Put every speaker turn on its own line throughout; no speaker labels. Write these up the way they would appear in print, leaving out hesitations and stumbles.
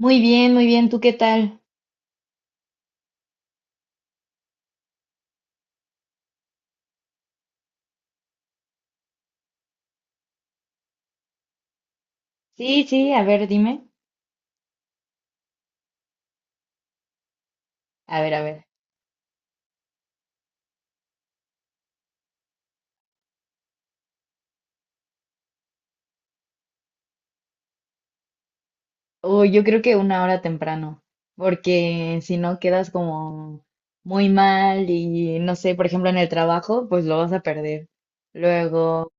Muy bien, muy bien. ¿Tú qué tal? Sí, sí, a ver, dime. A ver, a ver. Uy, yo creo que una hora temprano, porque si no quedas como muy mal y no sé, por ejemplo, en el trabajo, pues lo vas a perder. Luego,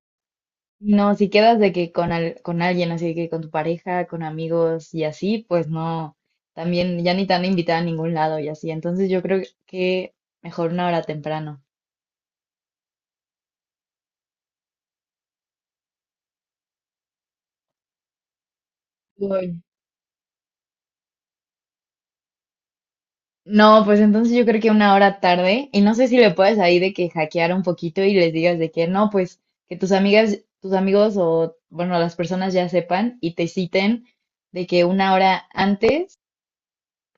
no, si quedas de que con, con alguien, así que con tu pareja, con amigos y así, pues no, también ya ni te van a invitar a ningún lado y así. Entonces yo creo que mejor una hora temprano. Uy. No, pues entonces yo creo que una hora tarde, y no sé si le puedes ahí de que hackear un poquito y les digas de que no, pues que tus amigas, tus amigos o bueno, las personas ya sepan y te citen de que una hora antes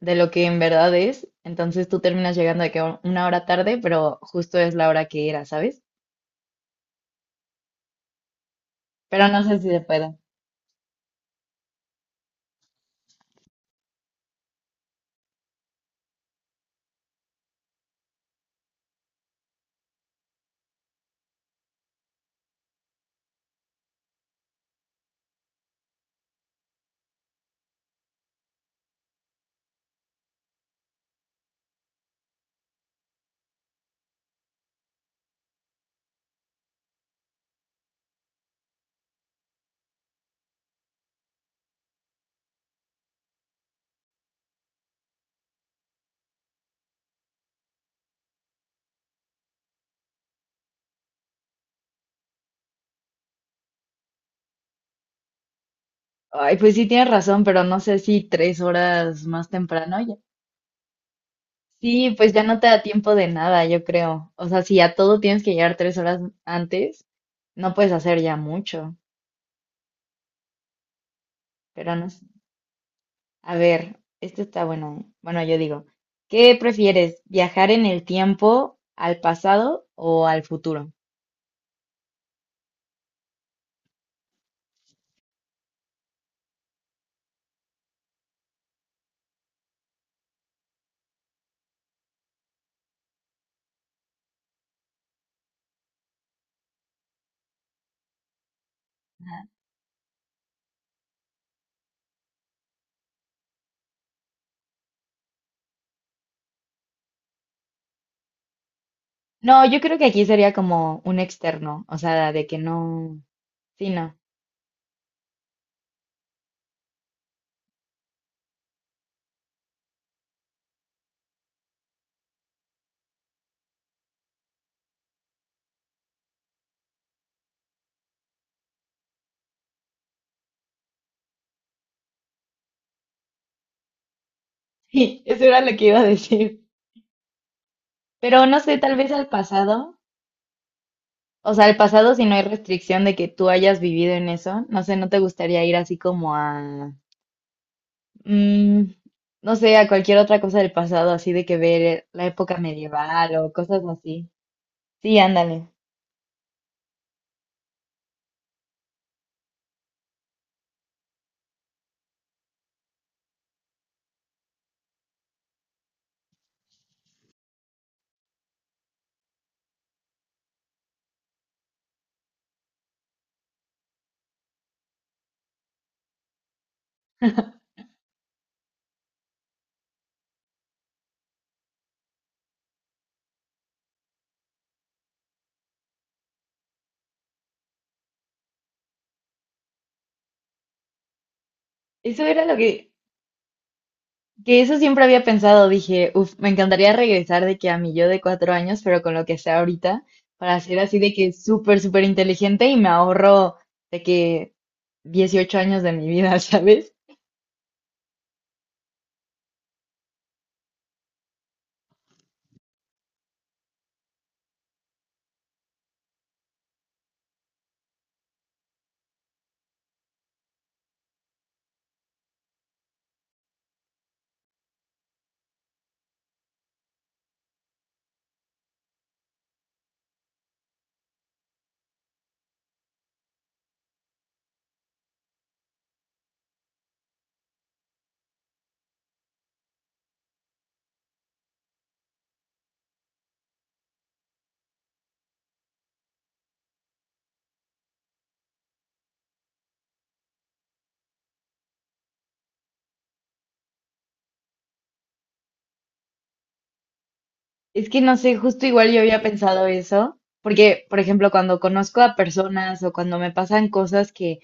de lo que en verdad es, entonces tú terminas llegando de que una hora tarde, pero justo es la hora que era, ¿sabes? Pero no sé si se pueda. Ay, pues sí tienes razón, pero no sé si tres horas más temprano. Sí, pues ya no te da tiempo de nada, yo creo. O sea, si a todo tienes que llegar tres horas antes, no puedes hacer ya mucho. Pero no sé. A ver, esto está bueno. Bueno, yo digo, ¿qué prefieres? ¿Viajar en el tiempo al pasado o al futuro? No, yo creo que aquí sería como un externo, o sea, de que no. Sí, no. Sí, eso era lo que iba a decir. Pero no sé, tal vez al pasado. O sea, el pasado, si no hay restricción de que tú hayas vivido en eso, no sé, ¿no te gustaría ir así como a, mm, no sé, a cualquier otra cosa del pasado, así de que ver la época medieval o cosas así? Sí, ándale. Eso era lo que eso siempre había pensado. Dije, uff, me encantaría regresar de que a mi yo de 4 años, pero con lo que sea ahorita, para ser así de que súper, súper inteligente y me ahorro de que 18 años de mi vida, ¿sabes? Es que no sé, justo igual yo había pensado eso, porque, por ejemplo, cuando conozco a personas o cuando me pasan cosas que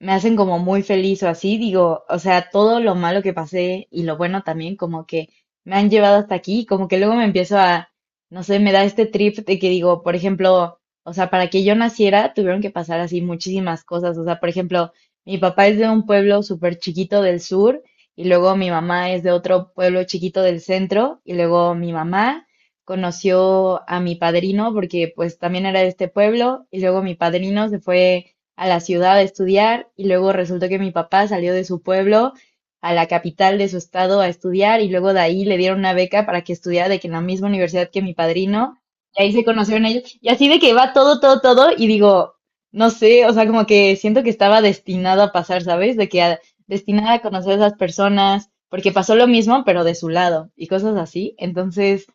me hacen como muy feliz o así, digo, o sea, todo lo malo que pasé y lo bueno también, como que me han llevado hasta aquí, como que luego me empiezo a, no sé, me da este trip de que digo, por ejemplo, o sea, para que yo naciera tuvieron que pasar así muchísimas cosas, o sea, por ejemplo, mi papá es de un pueblo súper chiquito del sur y luego mi mamá es de otro pueblo chiquito del centro y luego mi mamá conoció a mi padrino porque pues también era de este pueblo y luego mi padrino se fue a la ciudad a estudiar y luego resultó que mi papá salió de su pueblo a la capital de su estado a estudiar y luego de ahí le dieron una beca para que estudiara de que en la misma universidad que mi padrino y ahí se conocieron ellos y así de que va todo, todo, todo y digo, no sé, o sea, como que siento que estaba destinado a pasar, ¿sabes? De que destinada a conocer a esas personas porque pasó lo mismo pero de su lado y cosas así, entonces,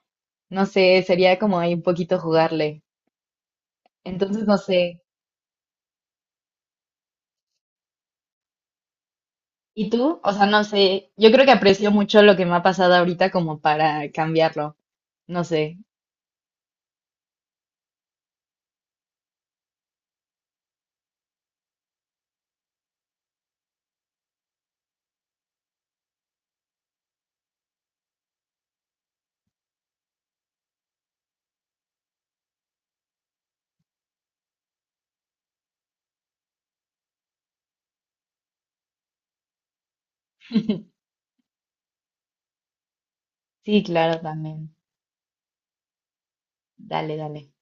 no sé, sería como ahí un poquito jugarle, entonces, no sé. ¿Y tú? O sea, no sé, yo creo que aprecio mucho lo que me ha pasado ahorita como para cambiarlo. No sé. Sí, claro, también. Dale, dale.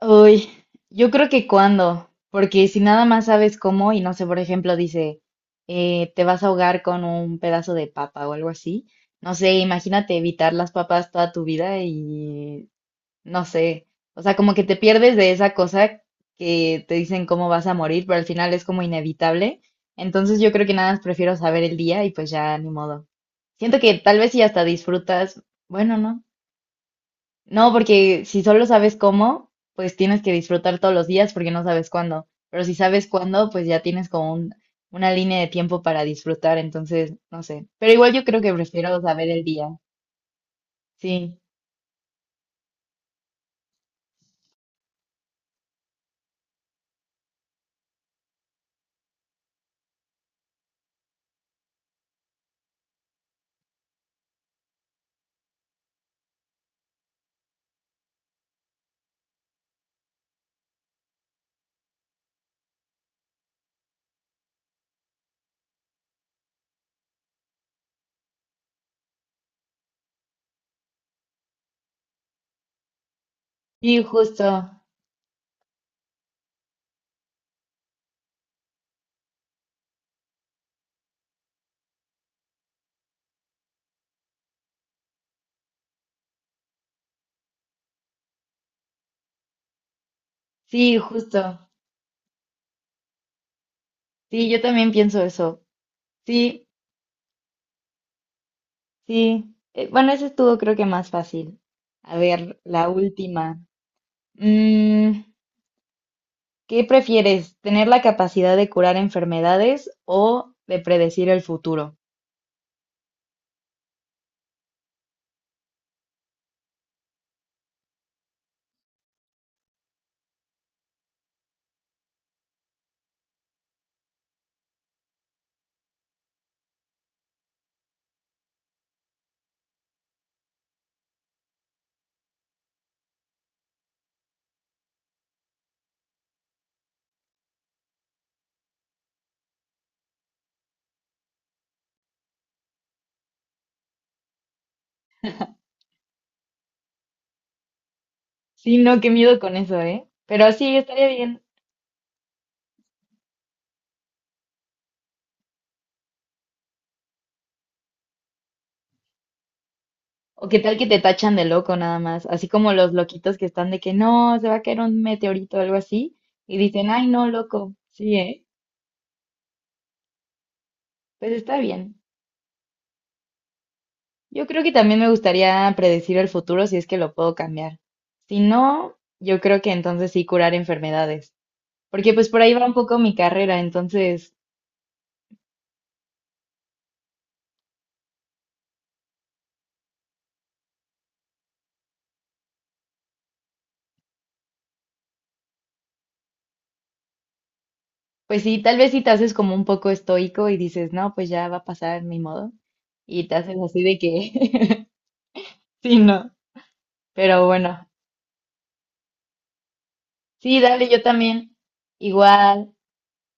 Uy, yo creo que cuando, porque si nada más sabes cómo y no sé, por ejemplo, dice, te vas a ahogar con un pedazo de papa o algo así. No sé, imagínate evitar las papas toda tu vida y no sé, o sea, como que te pierdes de esa cosa que te dicen cómo vas a morir, pero al final es como inevitable. Entonces yo creo que nada más prefiero saber el día y pues ya ni modo. Siento que tal vez si hasta disfrutas, bueno, no. No, porque si solo sabes cómo, pues tienes que disfrutar todos los días porque no sabes cuándo. Pero si sabes cuándo, pues ya tienes como una línea de tiempo para disfrutar, entonces, no sé. Pero igual yo creo que prefiero saber el día. Sí, sí, justo. Sí, justo. Sí, yo también pienso eso. Sí, sí. Bueno, eso estuvo creo que más fácil. A ver, la última. Mm, ¿qué prefieres? ¿Tener la capacidad de curar enfermedades o de predecir el futuro? Sí, no, qué miedo con eso, ¿eh? Pero sí, estaría bien. O qué tal que te tachan de loco nada más, así como los loquitos que están de que no, se va a caer un meteorito o algo así, y dicen, ay, no, loco. Sí, ¿eh? Pues está bien. Yo creo que también me gustaría predecir el futuro si es que lo puedo cambiar. Si no, yo creo que entonces sí curar enfermedades, porque pues por ahí va un poco mi carrera, entonces, pues sí, tal vez si te haces como un poco estoico y dices, no, pues ya va a pasar, mi modo, y te haces así de que, sí, no, pero bueno, sí, dale, yo también, igual.